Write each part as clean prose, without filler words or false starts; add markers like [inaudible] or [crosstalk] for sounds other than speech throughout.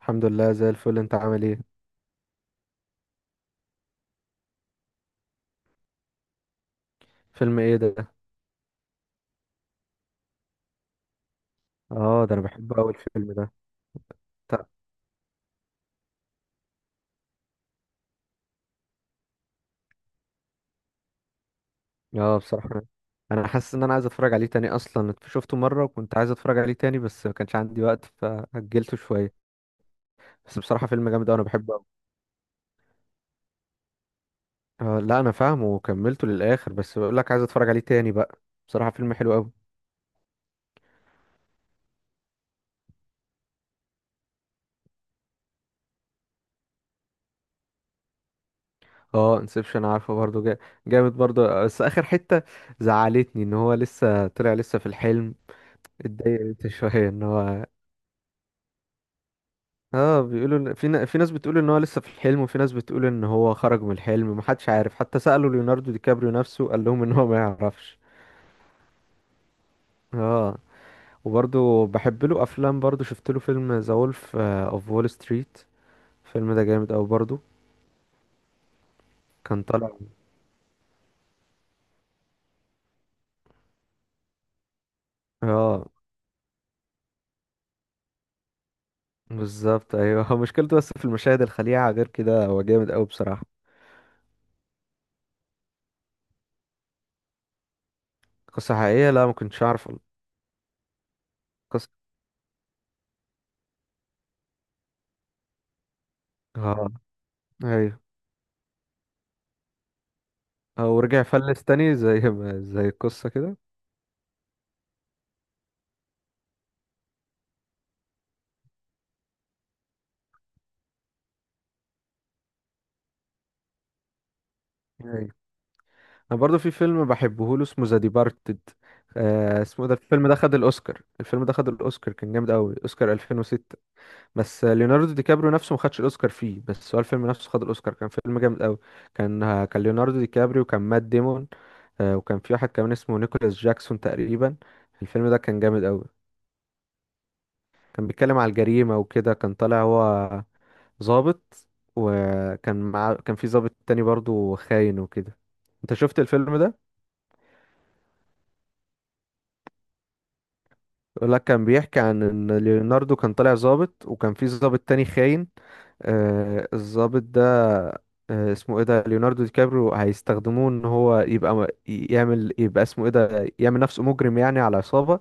الحمد لله زي الفل، انت عامل ايه؟ فيلم ايه ده؟ اه، ده انا بحبه قوي الفيلم ده. ط- اه بصراحة انا حاسس ان انا عايز اتفرج عليه تاني، اصلا شفته مرة وكنت عايز اتفرج عليه تاني بس ما كانش عندي وقت فأجلته شوية. بس بصراحة فيلم جامد قوي، انا بحبه قوي. آه لا، انا فاهمه وكملته للاخر بس بقول لك عايز اتفرج عليه تاني بقى. بصراحة فيلم حلو قوي. اه انسبشن، عارفه برضو جامد برضو، بس اخر حتة زعلتني ان هو لسه طلع، لسه في الحلم. اتضايقت شوية ان هو. اه بيقولوا في ناس بتقول ان هو لسه في الحلم، وفي ناس بتقول ان هو خرج من الحلم، محدش عارف، حتى سألوا ليوناردو دي كابريو نفسه قال لهم ان هو ما يعرفش. اه، وبرضه بحب له افلام، برضه شفت له فيلم ذا وولف اوف وول ستريت. الفيلم ده جامد قوي برضه. كان طالع. اه بالظبط ايوه. [laughs] هو مشكلته بس في المشاهد الخليعة، غير كده هو جامد قوي بصراحة. قصة حقيقية؟ لا، ما كنتش اعرف. قصة. اه. ايوه. ورجع فلس تاني زي [laughs] ما زي القصة كده. انا برضو في فيلم بحبه له، اسمه ذا ديبارتد. آه اسمه ده، الفيلم ده خد الاوسكار، الفيلم ده خد الاوسكار، كان جامد قوي، اوسكار 2006. بس ليوناردو دي كابريو نفسه ما خدش الاوسكار فيه، بس هو الفيلم نفسه خد الاوسكار. كان فيلم جامد قوي. كان كان ليوناردو دي كابريو، وكان مات ديمون. آه، وكان في واحد كمان اسمه نيكولاس جاكسون تقريبا. الفيلم ده كان جامد قوي. كان بيتكلم على الجريمة وكده. كان طالع هو ضابط، وكان مع كان في ضابط تاني برضو خاين وكده. انت شفت الفيلم ده؟ يقول لك كان بيحكي عن ان ليوناردو كان طالع ظابط وكان في ظابط تاني خاين. آه الظابط ده، آه اسمه ايه ده، ليوناردو دي كابريو، هيستخدموه ان هو يبقى يعمل، يبقى اسمه ايه ده، يعمل نفسه مجرم يعني على عصابة.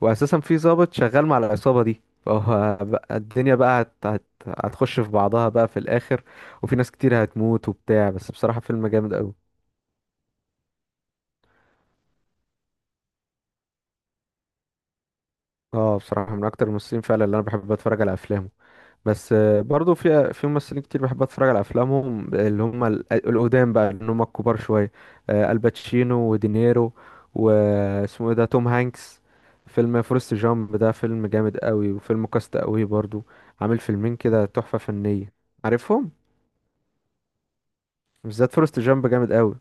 واساسا في ظابط شغال مع العصابة دي، فهو بقى الدنيا بقى هت هت هتخش في بعضها بقى في الاخر، وفي ناس كتير هتموت وبتاع. بس بصراحة فيلم جامد قوي. اه بصراحة من اكتر الممثلين فعلا اللي انا بحب اتفرج على افلامه، بس برضو في ممثلين كتير بحب اتفرج على افلامهم، اللي هم القدام بقى، اللي هم الكبار شويه. الباتشينو ودينيرو، واسمه ايه ده توم هانكس. فيلم فورست جامب ده فيلم جامد قوي، وفيلم كاست قوي برضو. عامل فيلمين كده تحفه فنيه. عارفهم؟ بالذات فورست جامب جامد قوي.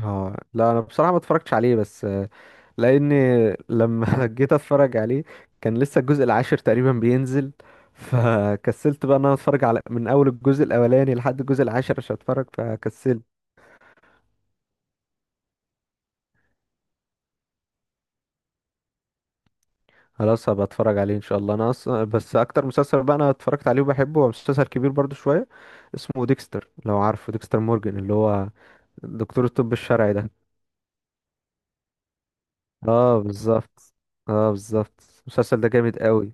اه لا، انا بصراحه ما اتفرجتش عليه، بس لاني لما [laughs] جيت اتفرج عليه كان لسه الجزء العاشر تقريبا بينزل، فكسلت بقى ان انا اتفرج على من اول الجزء الاولاني لحد الجزء العاشر عشان اتفرج، فكسلت. خلاص هبقى اتفرج عليه ان شاء الله. انا اصلا بس اكتر مسلسل بقى انا اتفرجت عليه وبحبه، هو مسلسل كبير برضو شوية، اسمه ديكستر. لو عارفه، ديكستر مورجان اللي هو دكتور الطب الشرعي ده. اه بالظبط. اه بالظبط. المسلسل ده جامد قوي.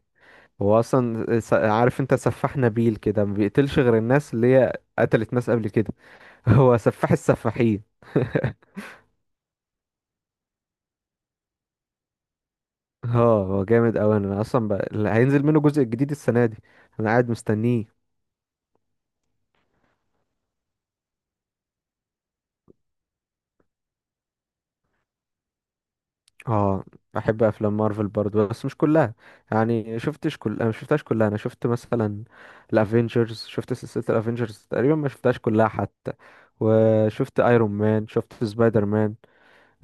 هو اصلا، عارف انت، سفاح نبيل كده، ما بيقتلش غير الناس اللي هي قتلت ناس قبل كده. [laughs] هو سفاح السفاحين. [laughs] اه هو جامد قوي انا اصلا هينزل منه جزء جديد السنه دي، انا قاعد مستنيه. اه بحب افلام مارفل برضه بس مش كلها، يعني شفتش كل، انا شفتهاش كلها. انا شفت مثلا الافينجرز، شفت سلسله الافينجرز تقريبا، ما شفتهاش كلها حتى. وشفت ايرون مان، شفت سبايدر مان.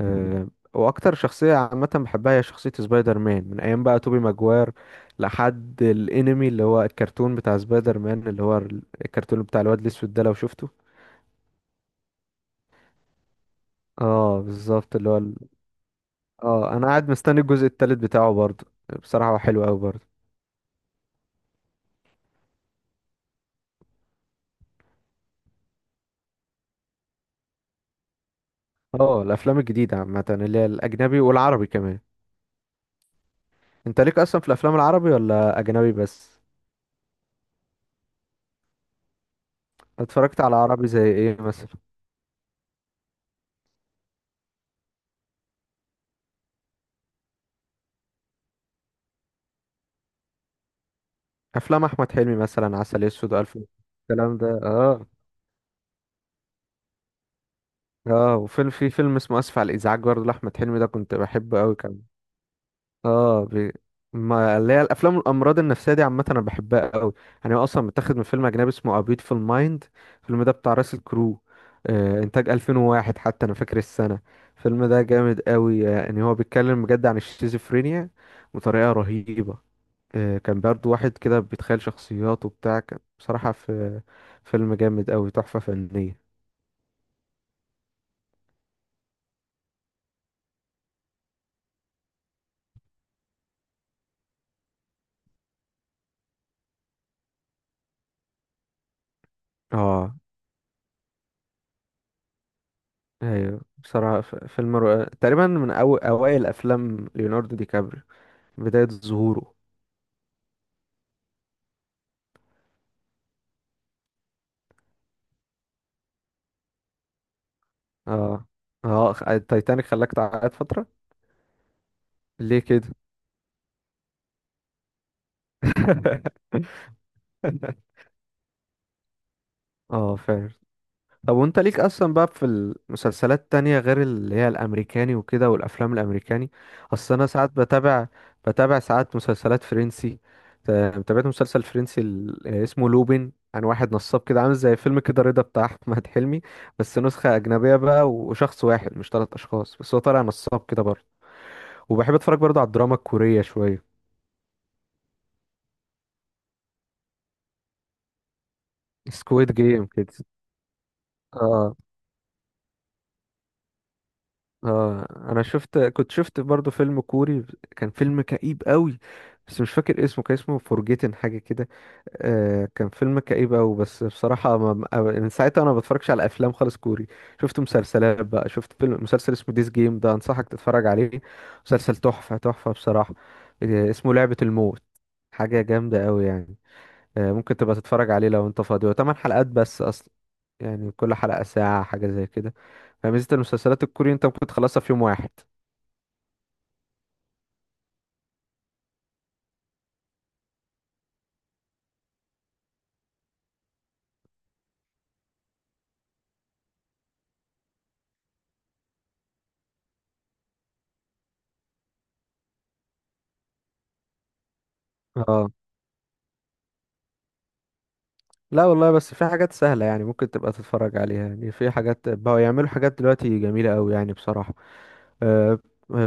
آه، واكتر شخصيه عامه بحبها هي شخصيه سبايدر مان، من ايام بقى توبي ماجواير لحد الانمي اللي هو الكرتون بتاع سبايدر مان، اللي هو الكرتون بتاع الواد الاسود ده. لو شفته. اه بالظبط اللي هو اه انا قاعد مستني الجزء التالت بتاعه برضه. بصراحه هو حلو قوي برضه. اه الافلام الجديده عامه، اللي هي الاجنبي والعربي كمان. انت ليك اصلا في الافلام العربي، ولا اجنبي بس؟ اتفرجت على عربي زي ايه مثلا؟ افلام احمد حلمي مثلا، عسل اسود والف الكلام ده، اه اه. وفيلم، في فيلم اسمه اسف على الازعاج برضه لاحمد حلمي، ده كنت بحبه قوي كان. اه ما اللي هي الافلام الامراض النفسيه دي عامه انا بحبها قوي. يعني هو اصلا متاخد من فيلم اجنبي اسمه A Beautiful Mind، الفيلم ده بتاع راسل كرو. آه انتاج 2001، حتى انا فاكر السنه. الفيلم ده جامد قوي. يعني هو بيتكلم بجد عن الشيزوفرينيا بطريقه رهيبه. آه كان برضه واحد كده بيتخيل شخصيات وبتاع، كان بصراحه في، فيلم جامد قوي، تحفه فنيه. اه ايوه بصراحة فيلم رائع، تقريبا من اوائل افلام ليوناردو دي كابريو، بداية ظهوره. اه اه، التايتانيك خلاك تعيط فترة؟ ليه كده؟ [laughs] اه فعلا. طب وانت ليك اصلا بقى في المسلسلات التانية غير اللي هي الامريكاني وكده والافلام الامريكاني؟ اصل انا ساعات بتابع، ساعات مسلسلات فرنسي. تابعت مسلسل فرنسي اسمه لوبين، عن واحد نصاب كده، عامل زي فيلم كده رضا بتاع احمد حلمي، بس نسخة اجنبية بقى وشخص واحد مش ثلاث اشخاص، بس هو طالع نصاب كده برضه. وبحب اتفرج برضه على الدراما الكورية شوية، سكويد جيم كده. اه انا شفت، كنت شفت برضو فيلم كوري، كان فيلم كئيب قوي بس مش فاكر اسمه، كان اسمه فورجيتن حاجه كده. آه كان فيلم كئيب قوي. بس بصراحه من ساعتها انا ما بتفرجش على افلام خالص كوري. شفت مسلسلات بقى، شفت فيلم مسلسل اسمه ديس جيم، ده انصحك تتفرج عليه، مسلسل تحفه تحفه بصراحه. آه اسمه لعبه الموت، حاجه جامده قوي يعني. آه ممكن تبقى تتفرج عليه لو انت فاضي، هو 8 حلقات بس اصلا، يعني كل حلقه ساعه حاجه زي كده، فميزة المسلسلات الكوري انت ممكن تخلصها في يوم واحد. اه لا والله، بس في حاجات سهلة يعني ممكن تبقى تتفرج عليها. يعني في حاجات بقوا يعملوا حاجات دلوقتي جميلة أوي يعني بصراحة. آه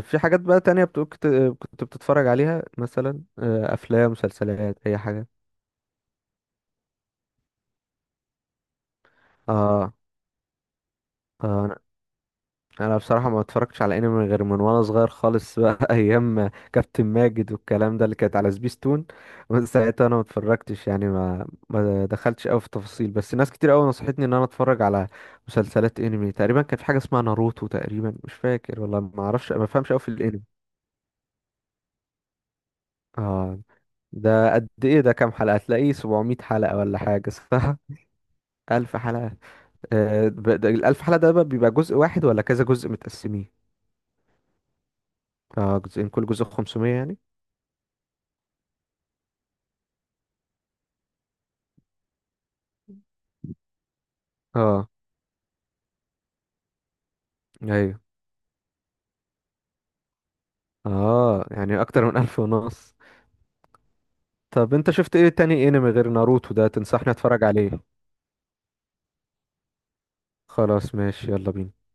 في حاجات بقى تانية كنت، بتتفرج عليها مثلا، آه أفلام، مسلسلات، أي حاجة. اه آه، انا بصراحه ما اتفرجتش على انمي غير من وانا صغير خالص بقى، [laughs] ايام كابتن ماجد والكلام ده اللي كانت على سبيستون. من ساعتها انا ما اتفرجتش، يعني ما دخلتش قوي في التفاصيل، بس ناس كتير قوي نصحتني ان انا اتفرج على مسلسلات انمي. تقريبا كان في حاجه اسمها ناروتو تقريبا، مش فاكر والله، ما اعرفش، ما فهمش قوي في الانمي. اه ده قد ايه؟ ده كام حلقه؟ تلاقيه 700 حلقه ولا حاجه، صح؟ [laughs] 1000 حلقه. آه ده 1000 حلقة ده بقى بيبقى جزء واحد، ولا كذا جزء متقسمين؟ اه جزئين، كل جزء 500 يعني. اه ايوه. اه يعني اكتر من 1500. طب انت شفت ايه تاني انمي غير ناروتو ده تنصحني اتفرج عليه؟ خلاص ماشي، يلا بينا.